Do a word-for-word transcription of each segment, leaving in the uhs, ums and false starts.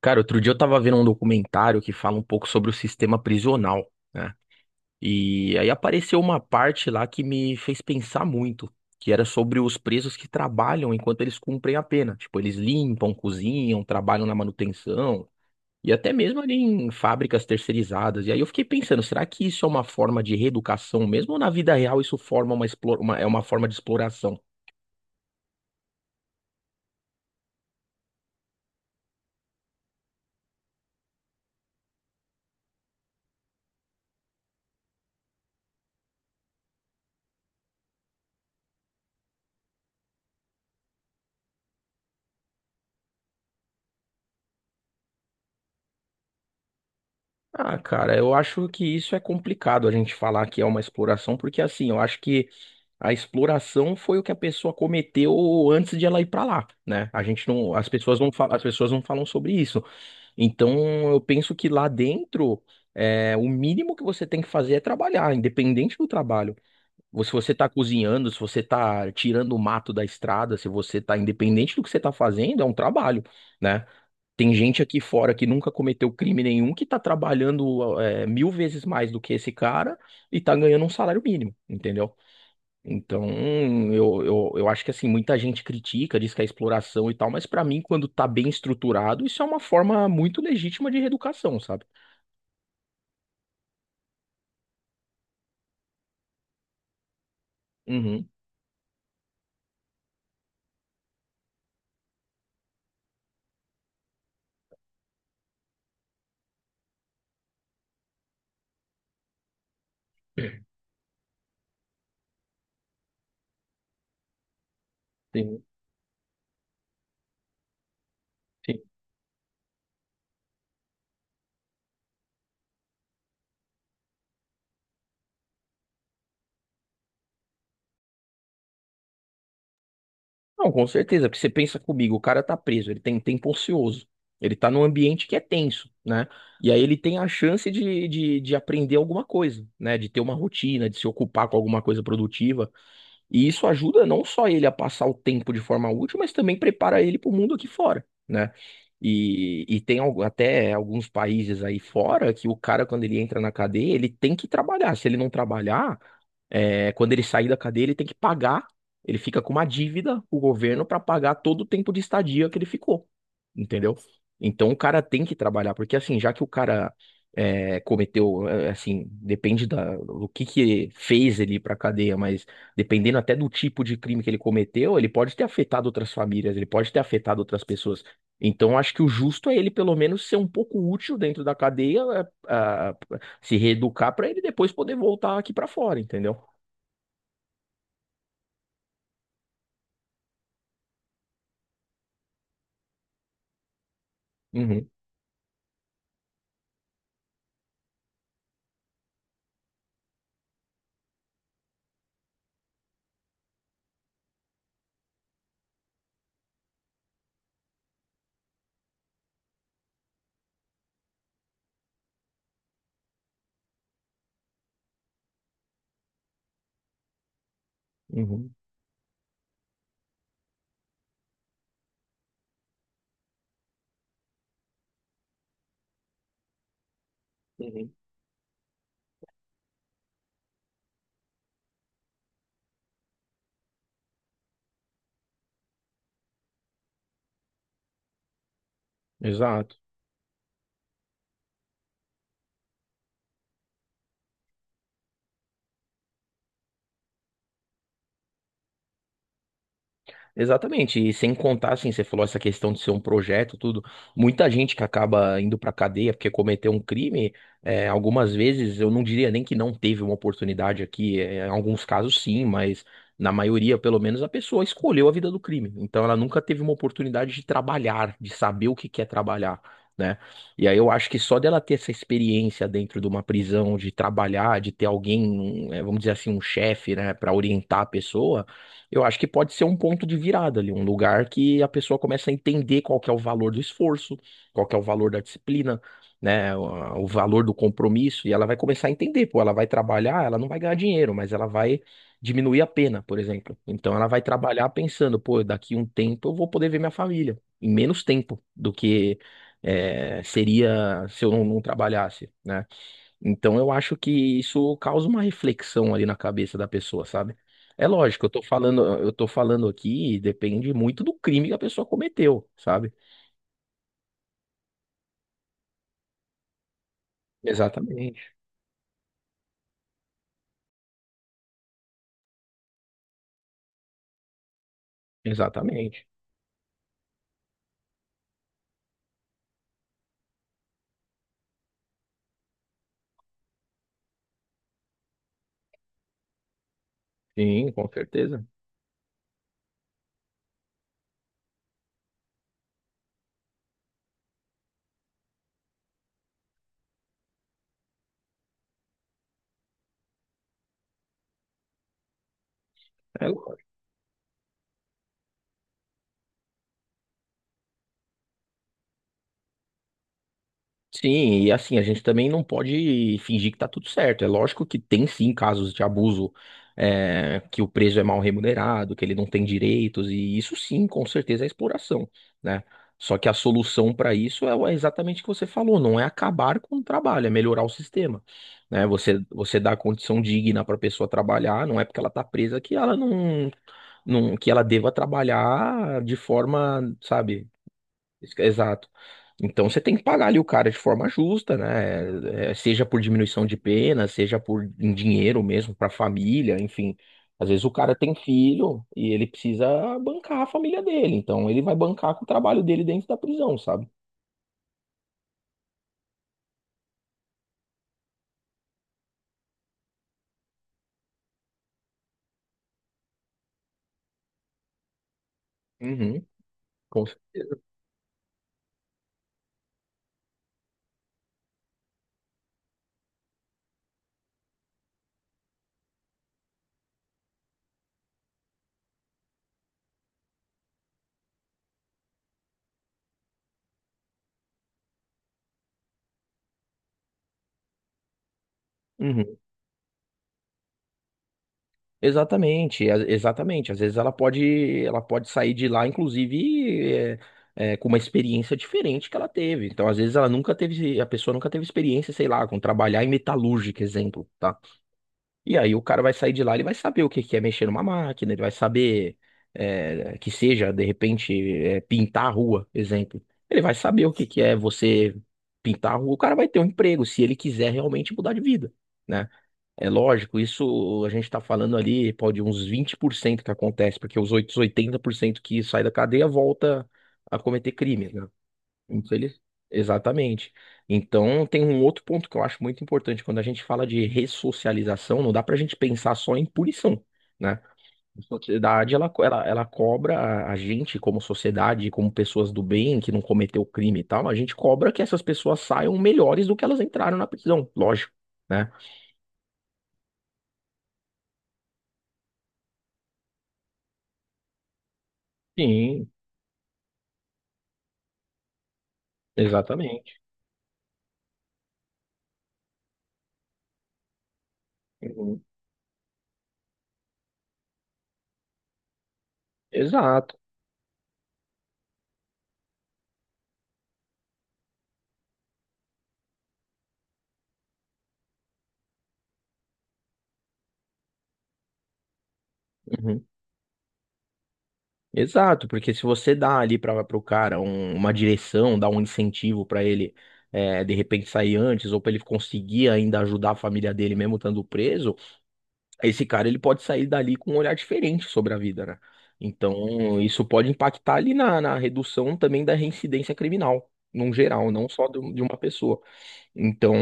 Cara, outro dia eu tava vendo um documentário que fala um pouco sobre o sistema prisional, né? E aí apareceu uma parte lá que me fez pensar muito, que era sobre os presos que trabalham enquanto eles cumprem a pena. Tipo, eles limpam, cozinham, trabalham na manutenção e até mesmo ali em fábricas terceirizadas. E aí eu fiquei pensando, será que isso é uma forma de reeducação mesmo ou na vida real isso forma uma, explora- uma- é uma forma de exploração? Ah, cara, eu acho que isso é complicado a gente falar que é uma exploração, porque assim, eu acho que a exploração foi o que a pessoa cometeu antes de ela ir para lá, né? A gente não, as pessoas não falam, as pessoas não falam sobre isso. Então, eu penso que lá dentro, é, o mínimo que você tem que fazer é trabalhar, independente do trabalho. Ou se você está cozinhando, se você está tirando o mato da estrada, se você está independente do que você está fazendo, é um trabalho, né? Tem gente aqui fora que nunca cometeu crime nenhum que está trabalhando, é, mil vezes mais do que esse cara e está ganhando um salário mínimo, entendeu? Então, eu, eu, eu acho que assim, muita gente critica, diz que é exploração e tal, mas pra mim, quando tá bem estruturado, isso é uma forma muito legítima de reeducação, sabe? Uhum. Sim, sim. Não, com certeza, porque você pensa comigo, o cara tá preso, ele tem tempo ocioso, ele tá num ambiente que é tenso, né? E aí ele tem a chance de, de, de aprender alguma coisa, né? De ter uma rotina, de se ocupar com alguma coisa produtiva. E isso ajuda não só ele a passar o tempo de forma útil, mas também prepara ele para o mundo aqui fora, né? E, e tem al- até alguns países aí fora que o cara, quando ele entra na cadeia, ele tem que trabalhar. Se ele não trabalhar, é, quando ele sair da cadeia, ele tem que pagar. Ele fica com uma dívida, o governo, para pagar todo o tempo de estadia que ele ficou, entendeu? Então o cara tem que trabalhar, porque assim, já que o cara é, cometeu, é, assim, depende da, do que que fez ele ir pra cadeia, mas dependendo até do tipo de crime que ele cometeu, ele pode ter afetado outras famílias, ele pode ter afetado outras pessoas. Então acho que o justo é ele pelo menos ser um pouco útil dentro da cadeia, é, a- se reeducar pra ele depois poder voltar aqui pra fora, entendeu? Uhum, uhum, uhum. Exato. Exatamente, e sem contar, assim, você falou essa questão de ser um projeto, tudo. Muita gente que acaba indo pra cadeia porque cometeu um crime, é, algumas vezes eu não diria nem que não teve uma oportunidade aqui, é, em alguns casos sim, mas na maioria, pelo menos, a pessoa escolheu a vida do crime. Então ela nunca teve uma oportunidade de trabalhar, de saber o que quer trabalhar, né? E aí eu acho que só dela ter essa experiência dentro de uma prisão, de trabalhar, de ter alguém, um, é, vamos dizer assim, um chefe, né, para orientar a pessoa, eu acho que pode ser um ponto de virada ali, um lugar que a pessoa começa a entender qual que é o valor do esforço, qual que é o valor da disciplina, né, o, o valor do compromisso, e ela vai começar a entender, pô, ela vai trabalhar, ela não vai ganhar dinheiro, mas ela vai diminuir a pena, por exemplo. Então ela vai trabalhar pensando, pô, daqui um tempo eu vou poder ver minha família, em menos tempo do que eh, seria se eu não, não trabalhasse, né? Então eu acho que isso causa uma reflexão ali na cabeça da pessoa, sabe? É lógico, eu tô falando, eu tô falando aqui, depende muito do crime que a pessoa cometeu, sabe? Exatamente, exatamente. Sim, com certeza. É. Sim, e assim, a gente também não pode fingir que tá tudo certo. É lógico que tem sim casos de abuso, é, que o preso é mal remunerado, que ele não tem direitos, e isso sim, com certeza é exploração, né? Só que a solução para isso é o- é exatamente o que você falou, não é acabar com o trabalho, é melhorar o sistema, né? Você, você dá condição digna para a pessoa trabalhar, não é porque ela tá presa que ela não, não, que ela deva trabalhar de forma, sabe? Exato. Então você tem que pagar ali o cara de forma justa, né? É, seja por diminuição de pena, seja por em dinheiro mesmo para a família, enfim. Às vezes o cara tem filho e ele precisa bancar a família dele, então ele vai bancar com o trabalho dele dentro da prisão, sabe? Uhum, com certeza. Uhum. Exatamente, a- exatamente. Às vezes ela pode, ela pode sair de lá, inclusive, é, é, com uma experiência diferente que ela teve. Então, às vezes ela nunca teve, a pessoa nunca teve experiência, sei lá, com trabalhar em metalúrgica, exemplo, tá? E aí o cara vai sair de lá, ele vai saber o que que é mexer numa máquina, ele vai saber, é, que seja, de repente, é, pintar a rua, exemplo. Ele vai saber o que que é você pintar a rua. O cara vai ter um emprego, se ele quiser realmente mudar de vida, né? É lógico, isso a gente está falando ali, pode uns vinte por cento que acontece, porque os outros oitenta por cento que sai da cadeia volta a cometer crimes, né? Infeliz- Exatamente. Então, tem um outro ponto que eu acho muito importante. Quando a gente fala de ressocialização, não dá para a gente pensar só em punição, né? A sociedade, ela, co- ela, ela cobra a a gente, como sociedade, como pessoas do bem, que não cometeu crime e tal, a gente cobra que essas pessoas saiam melhores do que elas entraram na prisão, lógico, né? Sim, exatamente. Uhum. Exato. Uhum. Exato, porque se você dá ali para o cara um- uma direção, dá um incentivo para ele é, de repente sair antes, ou para ele conseguir ainda ajudar a família dele mesmo estando preso, esse cara ele pode sair dali com um olhar diferente sobre a vida, né? Então, isso pode impactar ali na, na redução também da reincidência criminal, num geral, não só de um- de uma pessoa. Então,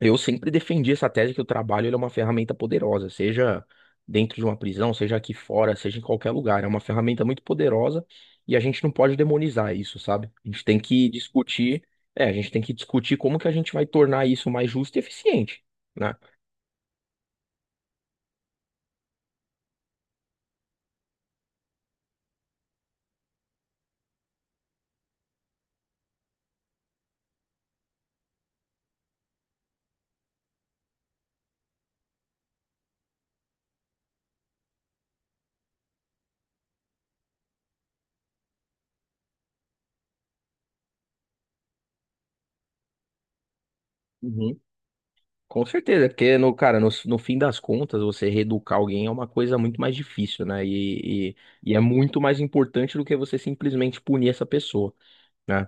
eu sempre defendi essa tese que o trabalho ele é uma ferramenta poderosa, seja dentro de uma prisão, seja aqui fora, seja em qualquer lugar. É uma ferramenta muito poderosa e a gente não pode demonizar isso, sabe? A gente tem que discutir, é, a gente tem que discutir como que a gente vai tornar isso mais justo e eficiente, né? Uhum. Com certeza, porque no, cara, no, no fim das contas, você reeducar alguém é uma coisa muito mais difícil, né? E, e, e é muito mais importante do que você simplesmente punir essa pessoa, né?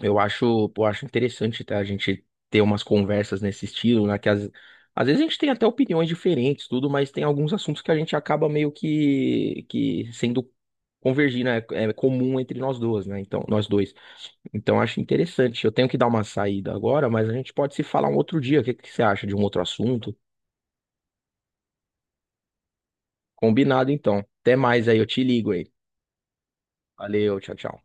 Eu acho, eu acho interessante, tá? A gente ter umas conversas nesse estilo, né? Que às, às vezes a gente tem até opiniões diferentes, tudo, mas tem alguns assuntos que a gente acaba meio que, que sendo convergir, né? É comum entre nós duas, né? Então, nós dois. Então, eu acho interessante. Eu tenho que dar uma saída agora, mas a gente pode se falar um outro dia. O que que você acha de um outro assunto? Combinado, então. Até mais aí, eu te ligo aí. Valeu, tchau, tchau.